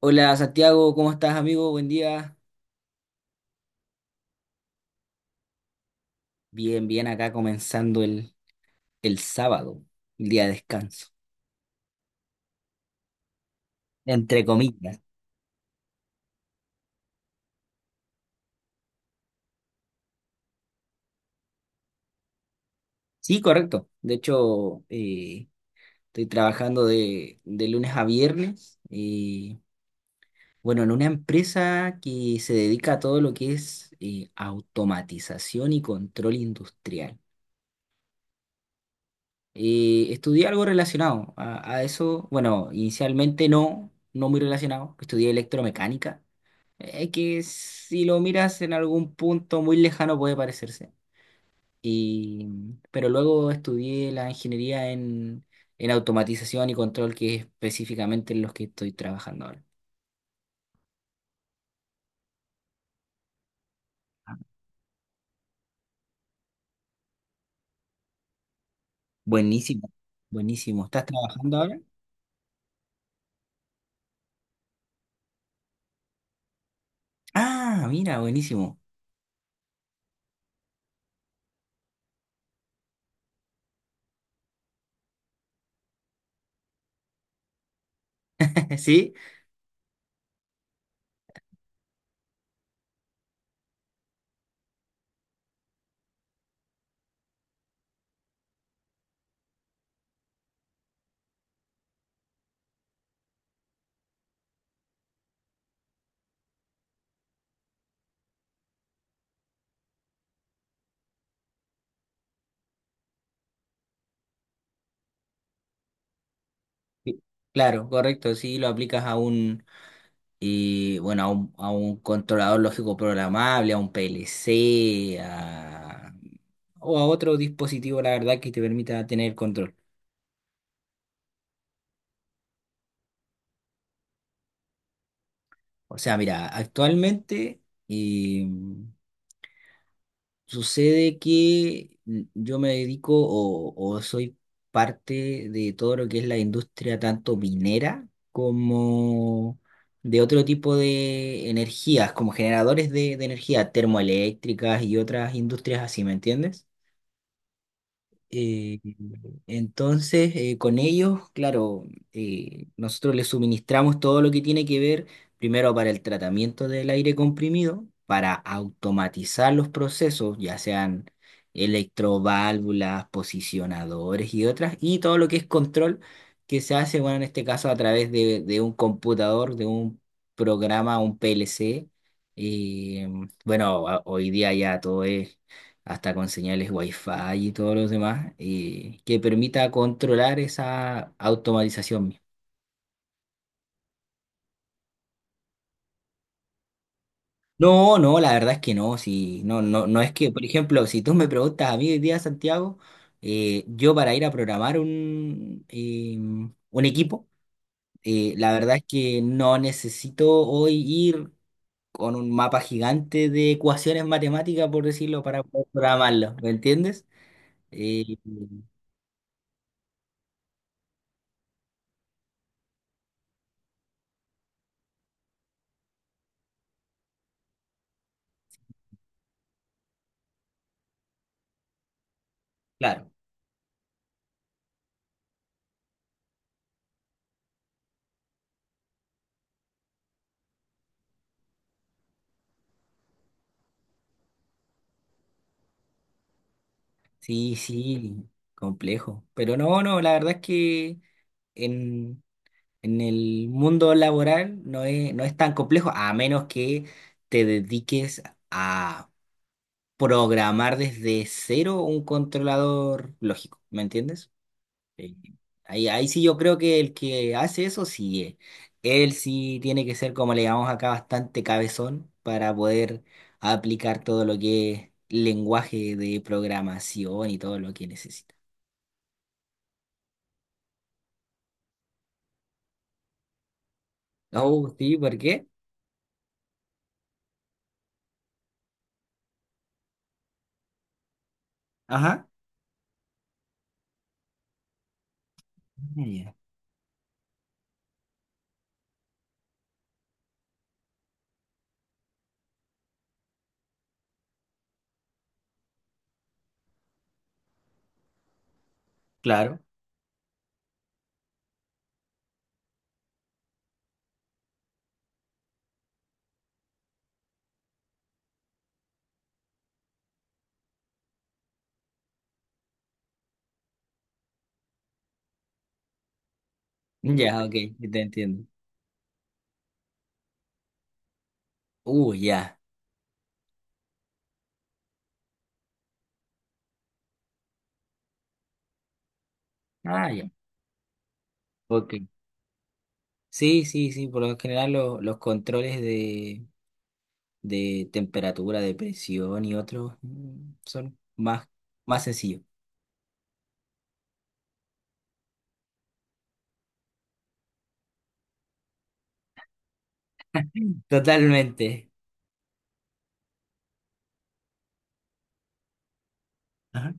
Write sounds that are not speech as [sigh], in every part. Hola Santiago, ¿cómo estás amigo? Buen día. Bien, bien, acá comenzando el sábado, el día de descanso, entre comillas. Sí, correcto. De hecho, estoy trabajando de lunes a viernes. Bueno, en una empresa que se dedica a todo lo que es automatización y control industrial. Estudié algo relacionado a eso. Bueno, inicialmente no, no muy relacionado. Estudié electromecánica. Es que si lo miras en algún punto muy lejano puede parecerse. Y, pero luego estudié la ingeniería en automatización y control, que es específicamente en los que estoy trabajando ahora. Buenísimo, buenísimo. ¿Estás trabajando ahora? Ah, mira, buenísimo. [laughs] Sí, sí, claro, correcto. Sí, lo aplicas a a un controlador lógico programable, a un PLC, o a otro dispositivo, la verdad, que te permita tener control. O sea, mira, actualmente eh, sucede que yo me dedico o soy parte de todo lo que es la industria tanto minera como de otro tipo de energías, como generadores de energía termoeléctricas y otras industrias así, ¿me entiendes? Eh, entonces, con ellos, claro, nosotros les suministramos todo lo que tiene que ver, primero para el tratamiento del aire comprimido, para automatizar los procesos, ya sean electroválvulas, posicionadores y otras, y todo lo que es control que se hace, bueno, en este caso a través de un computador, de un programa, un PLC. eh, Hoy día ya todo es hasta con señales Wi-Fi y todos los demás, que permita controlar esa automatización misma. No, no, la verdad es que no, si, no, no, no es que, por ejemplo, si tú me preguntas a mí hoy día, Santiago, yo para ir a programar un equipo, la verdad es que no necesito hoy ir con un mapa gigante de ecuaciones matemáticas, por decirlo, para poder programarlo, ¿me entiendes? Eh, claro. Sí, sí, complejo. Pero no, no, la verdad es que en, en el mundo laboral no es, no es tan complejo, a menos que te dediques a programar desde cero un controlador lógico, ¿me entiendes? Eh, Ahí, ahí sí yo creo que el que hace eso, sí, él sí tiene que ser, como le llamamos acá, bastante cabezón para poder aplicar todo lo que es lenguaje de programación y todo lo que necesita. Oh, sí, ¿por qué? Ajá. Ah, ya, claro. Ya, ok, yo te entiendo. Ya. Ah, ya. Ok. Sí, sí, sí, por lo general los controles de temperatura, de presión y otros son más, más sencillos. Totalmente. Ajá.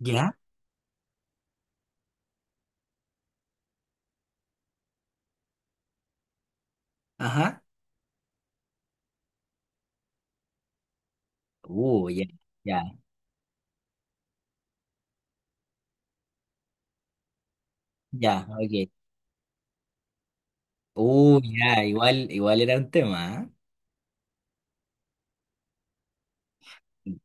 ¿Ya? Ajá. Ya, ya, ya, ok. Ya, igual, igual era un tema, ¿eh?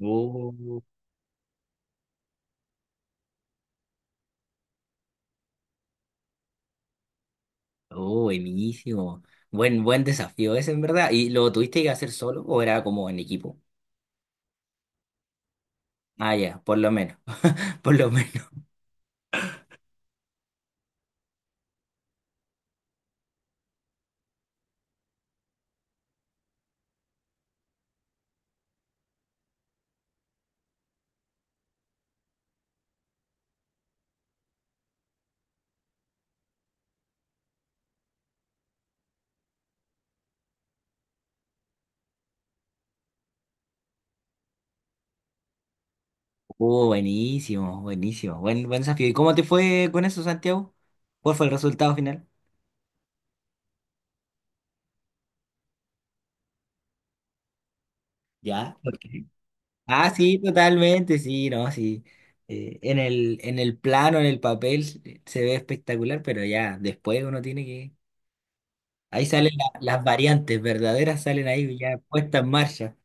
Uh, Oh, buenísimo. Buen, buen desafío ese, en verdad. ¿Y lo tuviste que hacer solo o era como en equipo? Ah, ya, por lo menos, [laughs] por lo menos. Oh, buenísimo, buenísimo. Buen, buen desafío. ¿Y cómo te fue con eso, Santiago? ¿Cuál fue el resultado final? Ya, ok. Ah, sí, totalmente, sí, no, sí. En el, en el plano, en el papel, se ve espectacular, pero ya después uno tiene que... Ahí salen las variantes verdaderas, salen ahí ya puestas en marcha.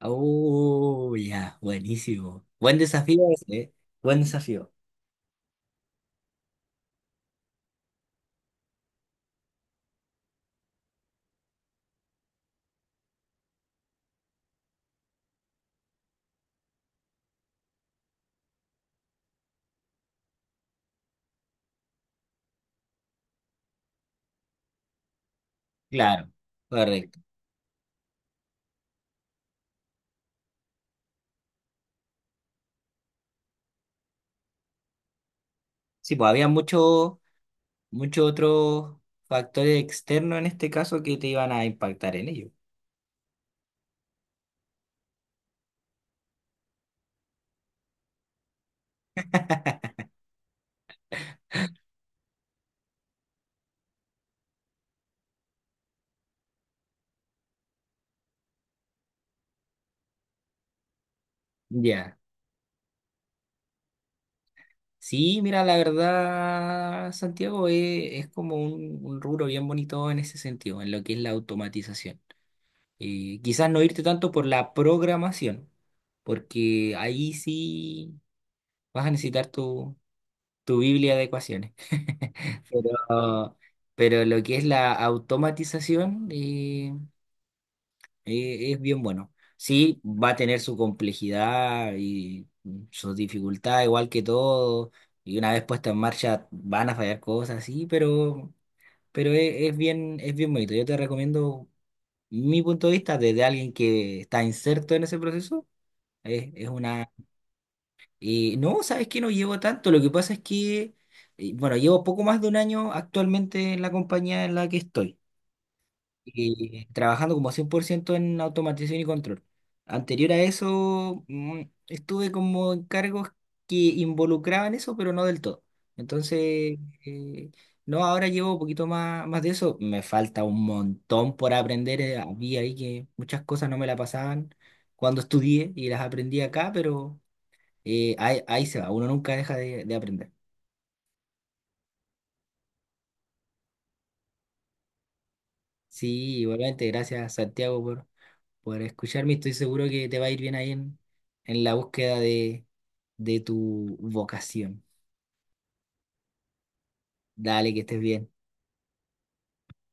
Oh, ya, buenísimo. Buen desafío ese, ¿eh? Buen desafío. Claro, correcto. Sí, pues había muchos muchos otros factores externos en este caso que te iban a impactar en ello. Ya. Sí, mira, la verdad, Santiago, es, como un rubro bien bonito en ese sentido, en lo que es la automatización. Quizás no irte tanto por la programación, porque ahí sí vas a necesitar tu Biblia de ecuaciones. [laughs] Pero, pero lo que es la automatización es bien bueno. Sí, va a tener su complejidad y su dificultad, igual que todo. Y una vez puesta en marcha van a fallar cosas, sí, pero es bien bonito. Yo te recomiendo mi punto de vista desde alguien que está inserto en ese proceso. Es una no, sabes que no llevo tanto. Lo que pasa es que, bueno, llevo poco más de un año actualmente en la compañía en la que estoy, trabajando como 100% en automatización y control. Anterior a eso, estuve como en cargos que involucraban eso, pero no del todo. Entonces, eh, no, ahora llevo un poquito más, más de eso. Me falta un montón por aprender. Había ahí que muchas cosas no me la pasaban cuando estudié y las aprendí acá, pero... Y ahí, ahí se va, uno nunca deja de aprender. Sí, igualmente, gracias Santiago por escucharme. Estoy seguro que te va a ir bien ahí en la búsqueda de tu vocación. Dale, que estés bien.